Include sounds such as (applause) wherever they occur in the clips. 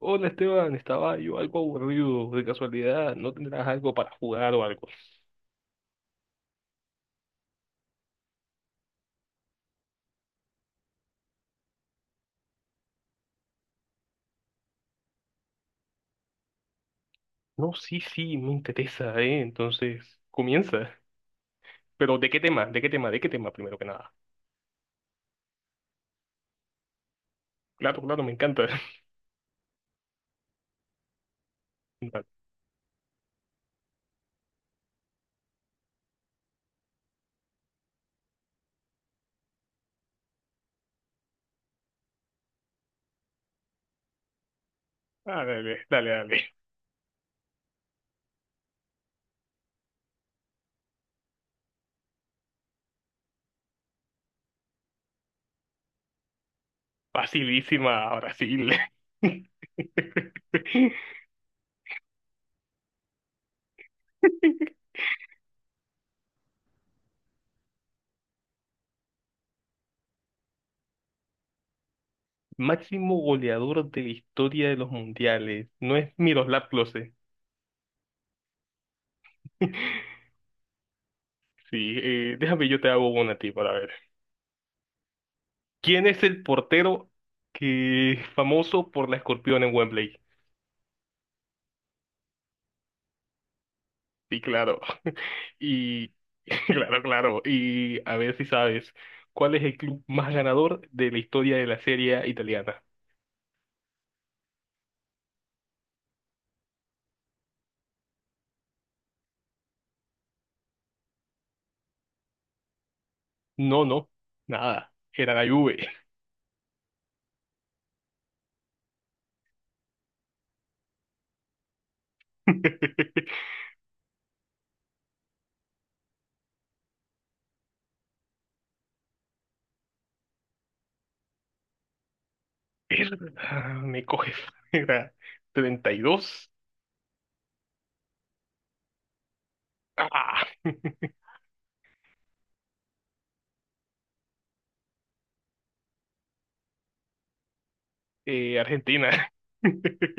Hola Esteban, estaba yo algo aburrido, de casualidad, ¿no tendrás algo para jugar o algo? No, sí, sí, me interesa, Entonces, comienza. Pero ¿de qué tema? ¿De qué tema? ¿De qué tema primero que nada? Claro, claro, me encanta. (laughs) Dale. Ah, dale, dale, dale. Facilísima, Brasil. (laughs) Máximo goleador de la historia de los mundiales. No es Miroslav Klose. (laughs) Sí, déjame, yo te hago una a ti para ver. ¿Quién es el portero que famoso por la escorpión en Wembley? Sí, claro. (laughs) Y (laughs) claro, claro. Y a ver si sabes, ¿cuál es el club más ganador de la historia de la Serie italiana? No, no, nada. Era la Juve. (laughs) Ah, me coges. (laughs) Era 32. Ah, (laughs) Argentina. (laughs)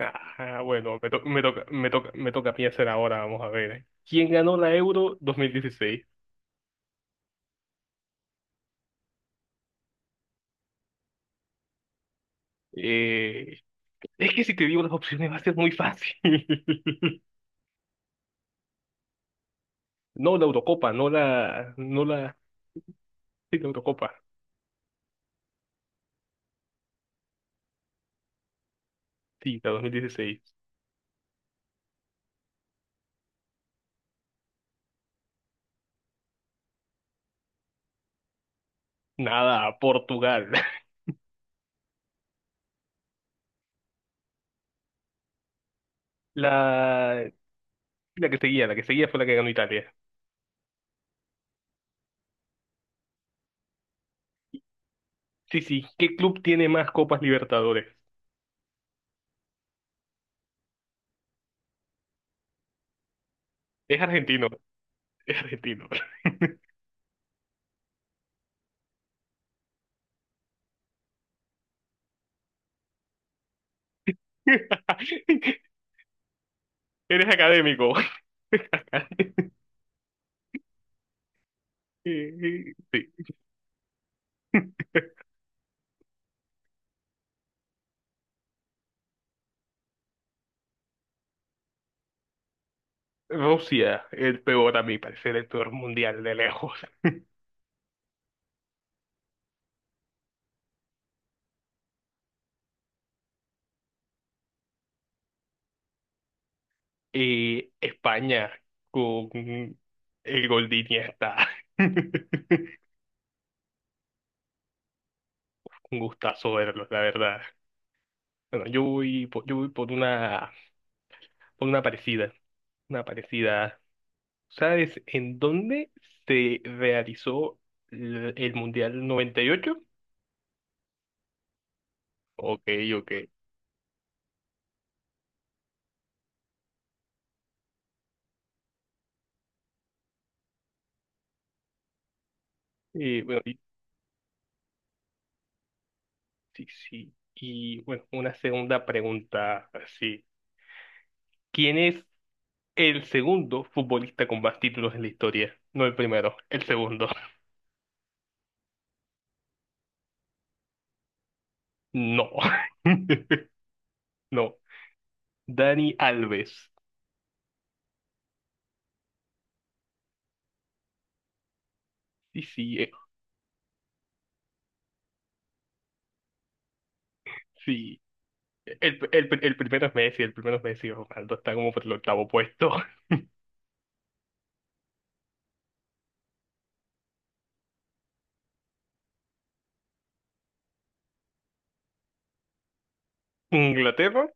Ah, bueno, me toca, me toca, me toca a mí hacer ahora, vamos a ver. ¿Quién ganó la Euro 2016? Eh, es que si te digo las opciones va a ser muy fácil. (laughs) No la Eurocopa, no la, no la, sí, la Eurocopa, sí, la 2016. Nada, Portugal. (laughs) La, la que seguía fue la que ganó Italia. Sí, sí, ¿qué club tiene más Copas Libertadores? Es argentino, es argentino. (laughs) Eres académico. (laughs) Sí. Rusia, el peor, a mi parecer, el peor mundial de lejos. Y España con el gol de Iniesta. (laughs) Un gustazo verlos, la verdad. Bueno, yo voy por una parecida, una parecida. ¿Sabes en dónde se realizó el Mundial 98? Ok, ok. Y bueno, y sí, sí. Y bueno, una segunda pregunta, sí. ¿Quiénes el segundo futbolista con más títulos en la historia? No el primero, el segundo. No. (laughs) No. Dani Alves. Sí, sí, sí. El primero es Messi, el primero es Messi. Ronaldo está como por el octavo puesto. (laughs) Inglaterra,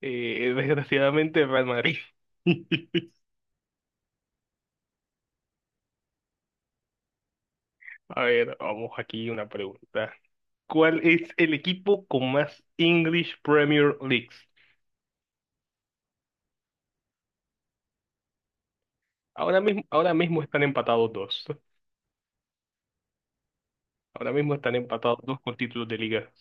desgraciadamente Real Madrid. (laughs) A ver, vamos aquí una pregunta. ¿Cuál es el equipo con más English Premier Leagues? Ahora mismo están empatados dos. Ahora mismo están empatados dos con títulos de liga.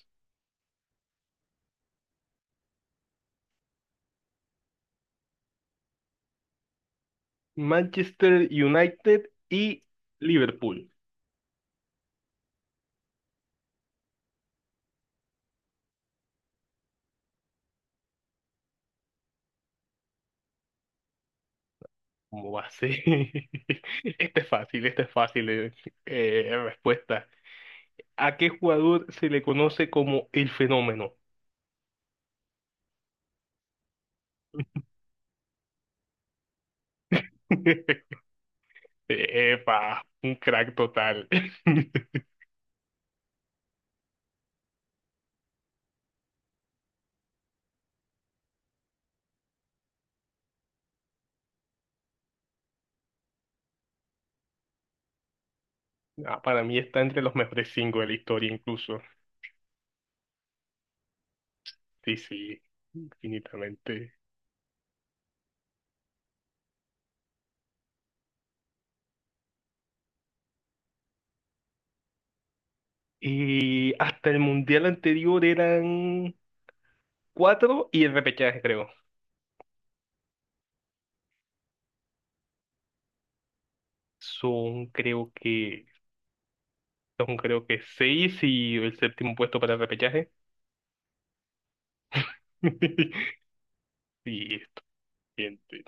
Manchester United y Liverpool. ¿Cómo va a ser? (laughs) Este es fácil, este es fácil. Respuesta. ¿A qué jugador se le conoce como el fenómeno? (laughs) Epa, un crack total. (laughs) Ah, para mí está entre los mejores cinco de la historia incluso. Sí, sí, infinitamente. Y hasta el mundial anterior eran cuatro y el repechaje creo. Son creo que son creo que seis y el séptimo puesto para el repechaje. (laughs) Y esto. Gente.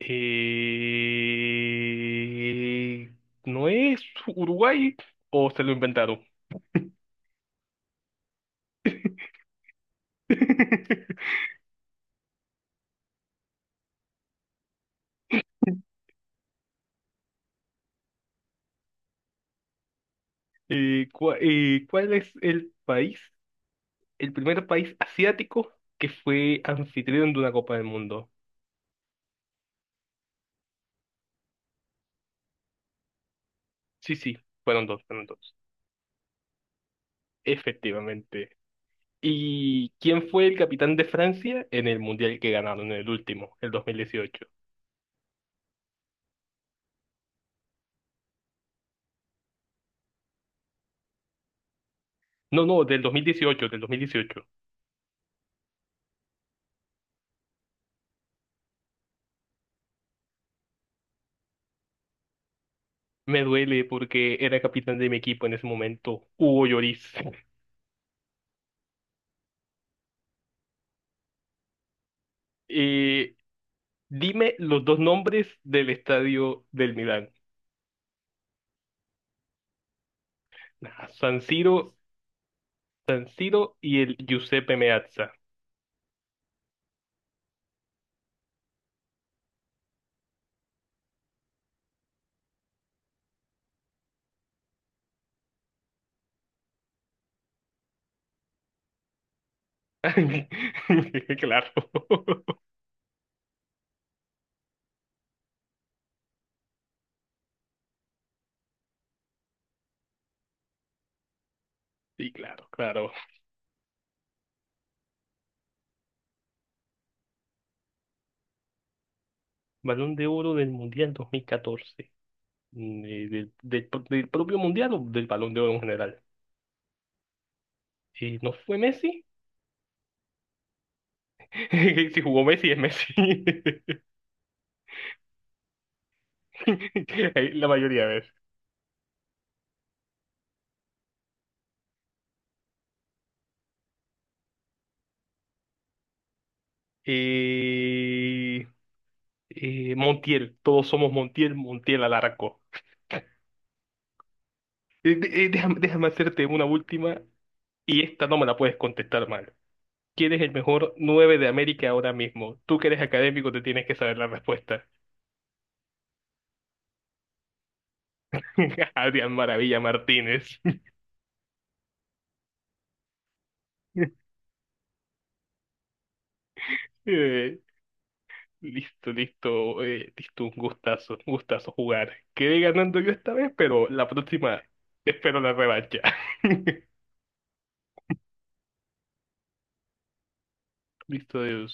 Eh, ¿No es Uruguay o se lo inventaron? (laughs) ¿Cuál es el país, el primer país asiático que fue anfitrión de una Copa del Mundo? Sí, sí, fueron dos, fueron dos. Efectivamente. ¿Y quién fue el capitán de Francia en el mundial que ganaron en el último, el dos mil dieciocho? No, no, del dos mil dieciocho, del 2018. Me duele porque era capitán de mi equipo en ese momento, Hugo Lloris. (laughs) Eh, dime los dos nombres del estadio del Milán. Ah, San Siro, San Siro y el Giuseppe Meazza. (laughs) Claro. Sí, claro, claro. Balón de oro del Mundial 2014. Del propio Mundial o del Balón de Oro en general. ¿No fue Messi? (laughs) Si jugó Messi, es Messi. (laughs) (laughs) La mayoría de veces. Eh, Montiel, todos somos Montiel, Montiel Alarco. Déjame, déjame hacerte una última y esta no me la puedes contestar mal. ¿Quién es el mejor 9 de América ahora mismo? Tú que eres académico te tienes que saber la respuesta. (laughs) Adrián Maravilla Martínez. (laughs) Eh, listo, listo, un gustazo jugar. Quedé ganando yo esta vez, pero la próxima espero la revancha. (laughs) Listo, Dios.